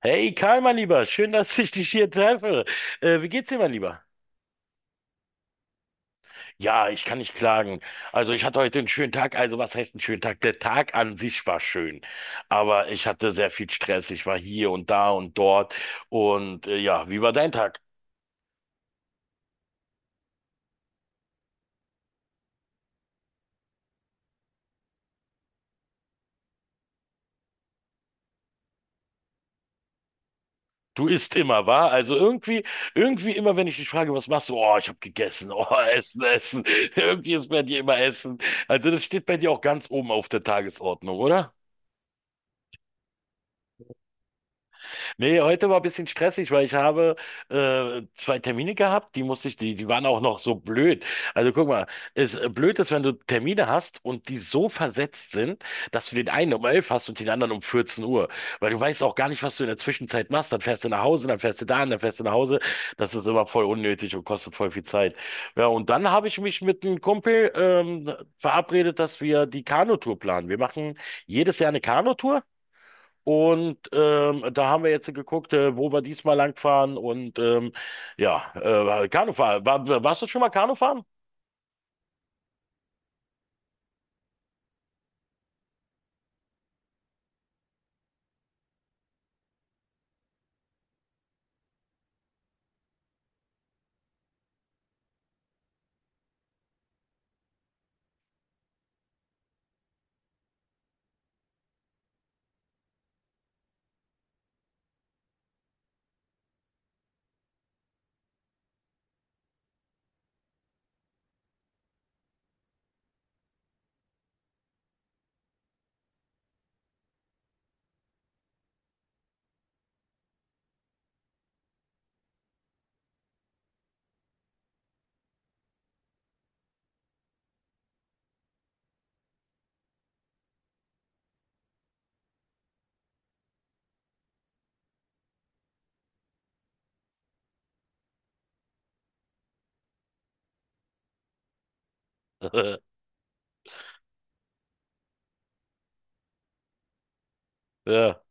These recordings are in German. Hey Karl, mein Lieber, schön, dass ich dich hier treffe. Wie geht's dir, mein Lieber? Ja, ich kann nicht klagen. Also ich hatte heute einen schönen Tag. Also was heißt einen schönen Tag? Der Tag an sich war schön, aber ich hatte sehr viel Stress. Ich war hier und da und dort. Und ja, wie war dein Tag? Du isst immer, wahr? Also irgendwie immer, wenn ich dich frage, was machst du? Oh, ich habe gegessen. Oh, Essen, Essen. Irgendwie ist bei dir immer Essen. Also das steht bei dir auch ganz oben auf der Tagesordnung, oder? Nee, heute war ein bisschen stressig, weil ich habe zwei Termine gehabt, die musste ich, die waren auch noch so blöd. Also guck mal, es blöd ist, wenn du Termine hast und die so versetzt sind, dass du den einen um 11 hast und den anderen um 14 Uhr, weil du weißt auch gar nicht, was du in der Zwischenzeit machst. Dann fährst du nach Hause, dann fährst du dahin, dann fährst du nach Hause. Das ist immer voll unnötig und kostet voll viel Zeit. Ja, und dann habe ich mich mit einem Kumpel verabredet, dass wir die Kanutour planen. Wir machen jedes Jahr eine Kanutour. Und da haben wir jetzt geguckt, wo wir diesmal langfahren. Und ja, Kanufahren. Warst du schon mal Kanufahren? Ja.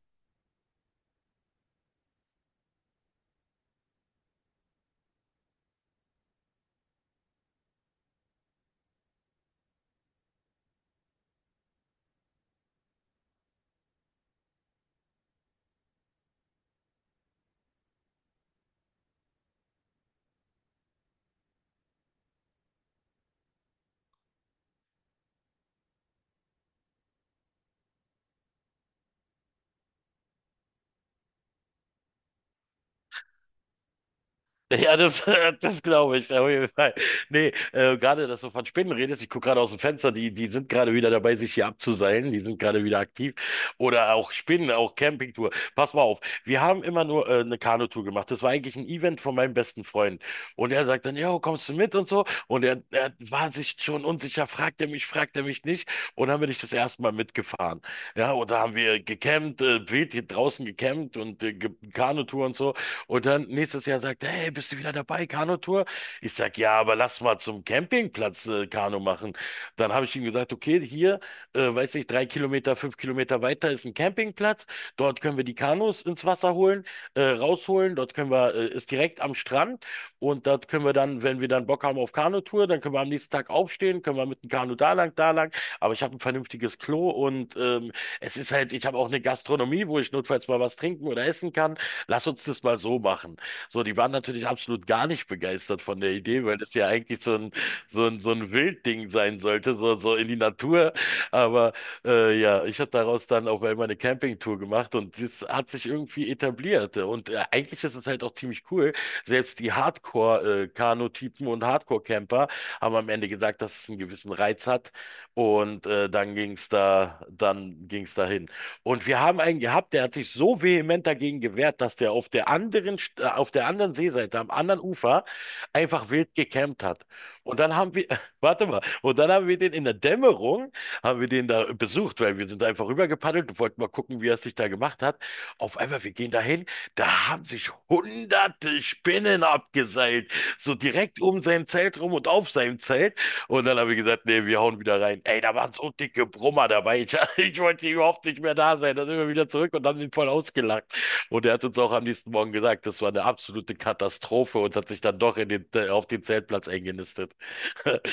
Ja, das, das glaube ich, auf jeden Fall. Nee, gerade, dass du von Spinnen redest, ich gucke gerade aus dem Fenster, die sind gerade wieder dabei, sich hier abzuseilen, die sind gerade wieder aktiv. Oder auch Spinnen, auch Campingtour. Pass mal auf, wir haben immer nur eine Kanutour gemacht. Das war eigentlich ein Event von meinem besten Freund. Und er sagt dann, ja, kommst du mit und so. Und er war sich schon unsicher, fragt er mich nicht. Und dann bin ich das erste Mal mitgefahren. Ja, und da haben wir gecampt, wild hier draußen gecampt und Kanutour und so. Und dann nächstes Jahr sagt er, hey, bist du wieder dabei, Kanutour? Ich sag, ja, aber lass mal zum Campingplatz Kanu machen. Dann habe ich ihm gesagt, okay, hier, weiß nicht, 3 Kilometer, 5 Kilometer weiter ist ein Campingplatz. Dort können wir die Kanus ins Wasser holen, rausholen. Dort können wir, ist direkt am Strand. Und dort können wir dann, wenn wir dann Bock haben auf Kanutour, dann können wir am nächsten Tag aufstehen, können wir mit dem Kanu da lang, da lang. Aber ich habe ein vernünftiges Klo und es ist halt, ich habe auch eine Gastronomie, wo ich notfalls mal was trinken oder essen kann. Lass uns das mal so machen. So, die waren natürlich absolut gar nicht begeistert von der Idee, weil das ja eigentlich so ein Wildding sein sollte, so, so in die Natur. Aber ja, ich habe daraus dann auf einmal eine Campingtour gemacht und das hat sich irgendwie etabliert. Und eigentlich ist es halt auch ziemlich cool. Selbst die Hardcore-Kanu-Typen und Hardcore-Camper haben am Ende gesagt, dass es einen gewissen Reiz hat. Und dann ging's dahin. Und wir haben einen gehabt, der hat sich so vehement dagegen gewehrt, dass der auf der anderen, auf der anderen Seeseite, am anderen Ufer, einfach wild gecampt hat. Und dann haben wir, warte mal, und dann haben wir den in der Dämmerung, haben wir den da besucht, weil wir sind einfach rübergepaddelt und wollten mal gucken, wie er es sich da gemacht hat. Auf einmal, wir gehen dahin, da haben sich hunderte Spinnen abgeseilt, so direkt um sein Zelt rum und auf seinem Zelt. Und dann habe ich gesagt, nee, wir hauen wieder rein. Ey, da waren so dicke Brummer dabei. Ich, ich wollte hier überhaupt nicht mehr da sein. Dann sind wir wieder zurück und haben ihn voll ausgelacht. Und er hat uns auch am nächsten Morgen gesagt, das war eine absolute Katastrophe und hat sich dann doch in den, auf den Zeltplatz eingenistet.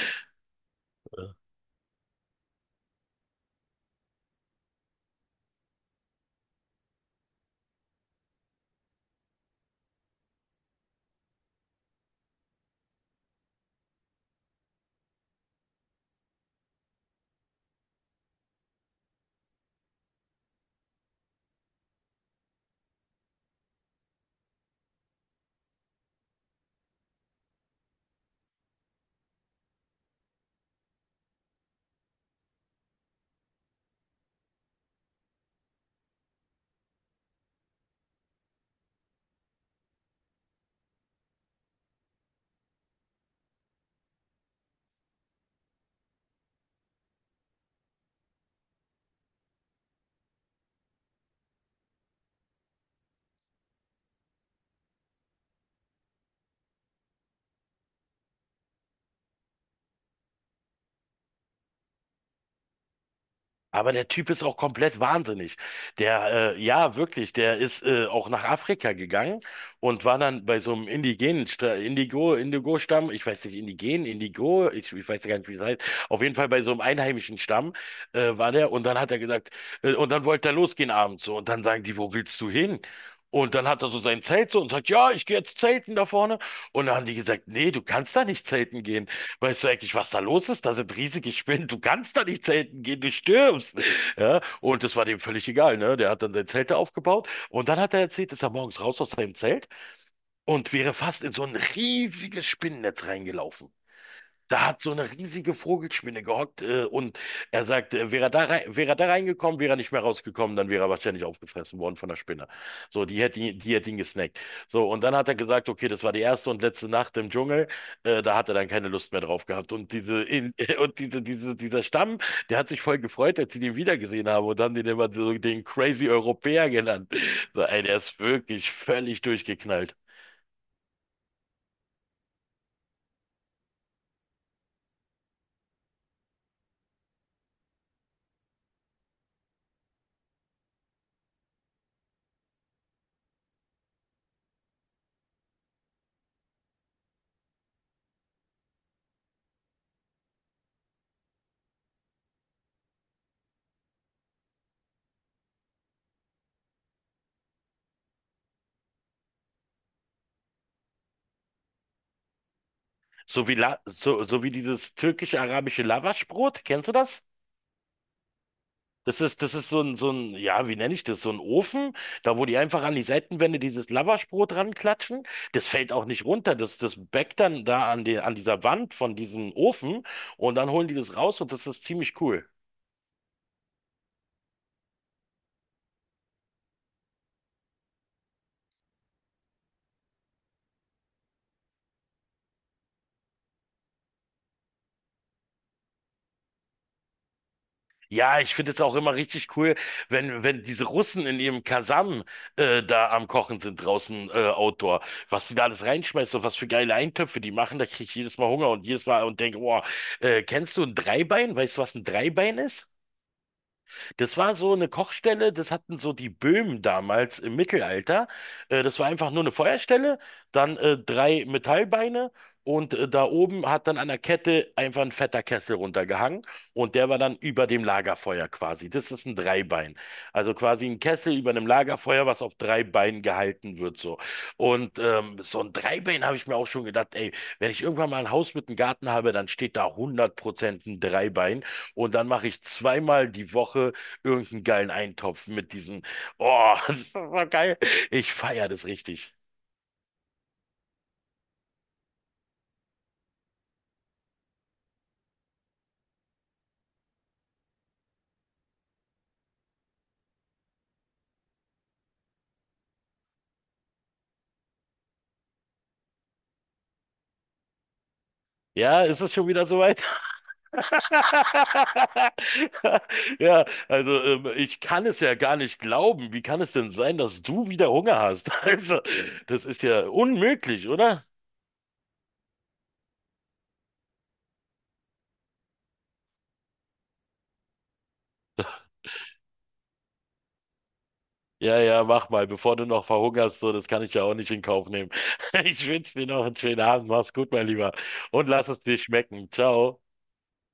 Aber der Typ ist auch komplett wahnsinnig. Der, ja, wirklich, der ist auch nach Afrika gegangen und war dann bei so einem indigenen Indigo, Indigo-Stamm, ich weiß nicht, Indigen, Indigo, ich weiß ja gar nicht, wie es heißt. Auf jeden Fall bei so einem einheimischen Stamm war der und dann hat er gesagt, und dann wollte er losgehen abends so und dann sagen die, wo willst du hin? Und dann hat er so sein Zelt so und sagt, ja, ich gehe jetzt zelten da vorne. Und dann haben die gesagt, nee, du kannst da nicht zelten. Weißt du eigentlich, was da los ist? Da sind riesige Spinnen. Du kannst da nicht zelten gehen, du stirbst. Ja, und das war dem völlig egal, ne? Der hat dann sein Zelt da aufgebaut und dann hat er erzählt, ist er morgens raus aus seinem Zelt und wäre fast in so ein riesiges Spinnennetz reingelaufen. Da hat so eine riesige Vogelspinne gehockt und er sagt, wäre er da reingekommen, wäre er nicht mehr rausgekommen, dann wäre er wahrscheinlich aufgefressen worden von der Spinne. So, die hätte ihn gesnackt. So, und dann hat er gesagt, okay, das war die erste und letzte Nacht im Dschungel, da hat er dann keine Lust mehr drauf gehabt. Und und dieser Stamm, der hat sich voll gefreut, als sie den wiedergesehen haben und haben den immer so den Crazy Europäer genannt. So, ey, der ist wirklich völlig durchgeknallt. So wie dieses türkisch-arabische Lavaschbrot, kennst du das? Das ist so ein, ja, wie nenne ich das? So ein Ofen, da wo die einfach an die Seitenwände dieses Lavaschbrot ranklatschen. Das fällt auch nicht runter. Das backt dann da an die, an dieser Wand von diesem Ofen und dann holen die das raus und das ist ziemlich cool. Ja, ich finde es auch immer richtig cool, wenn diese Russen in ihrem Kasam da am Kochen sind draußen Outdoor. Was die da alles reinschmeißen und was für geile Eintöpfe die machen, da kriege ich jedes Mal Hunger und jedes Mal und denke, boah, kennst du ein Dreibein? Weißt du, was ein Dreibein ist? Das war so eine Kochstelle, das hatten so die Böhmen damals im Mittelalter. Das war einfach nur eine Feuerstelle, dann drei Metallbeine und da oben hat dann an der Kette einfach ein fetter Kessel runtergehangen und der war dann über dem Lagerfeuer quasi. Das ist ein Dreibein. Also quasi ein Kessel über einem Lagerfeuer, was auf drei Beinen gehalten wird so. Und so ein Dreibein habe ich mir auch schon gedacht, ey, wenn ich irgendwann mal ein Haus mit einem Garten habe, dann steht da 100% ein Dreibein. Und dann mache ich zweimal die Woche irgendeinen geilen Eintopf mit diesem, oh, das ist so geil. Ich feiere das richtig. Ja, ist es schon wieder soweit? Ja, also ich kann es ja gar nicht glauben. Wie kann es denn sein, dass du wieder Hunger hast? Also, das ist ja unmöglich, oder? Ja, ja, mach mal, bevor du noch verhungerst, so, das kann ich ja auch nicht in Kauf nehmen. Ich wünsche dir noch einen schönen Abend. Mach's gut, mein Lieber. Und lass es dir schmecken. Ciao.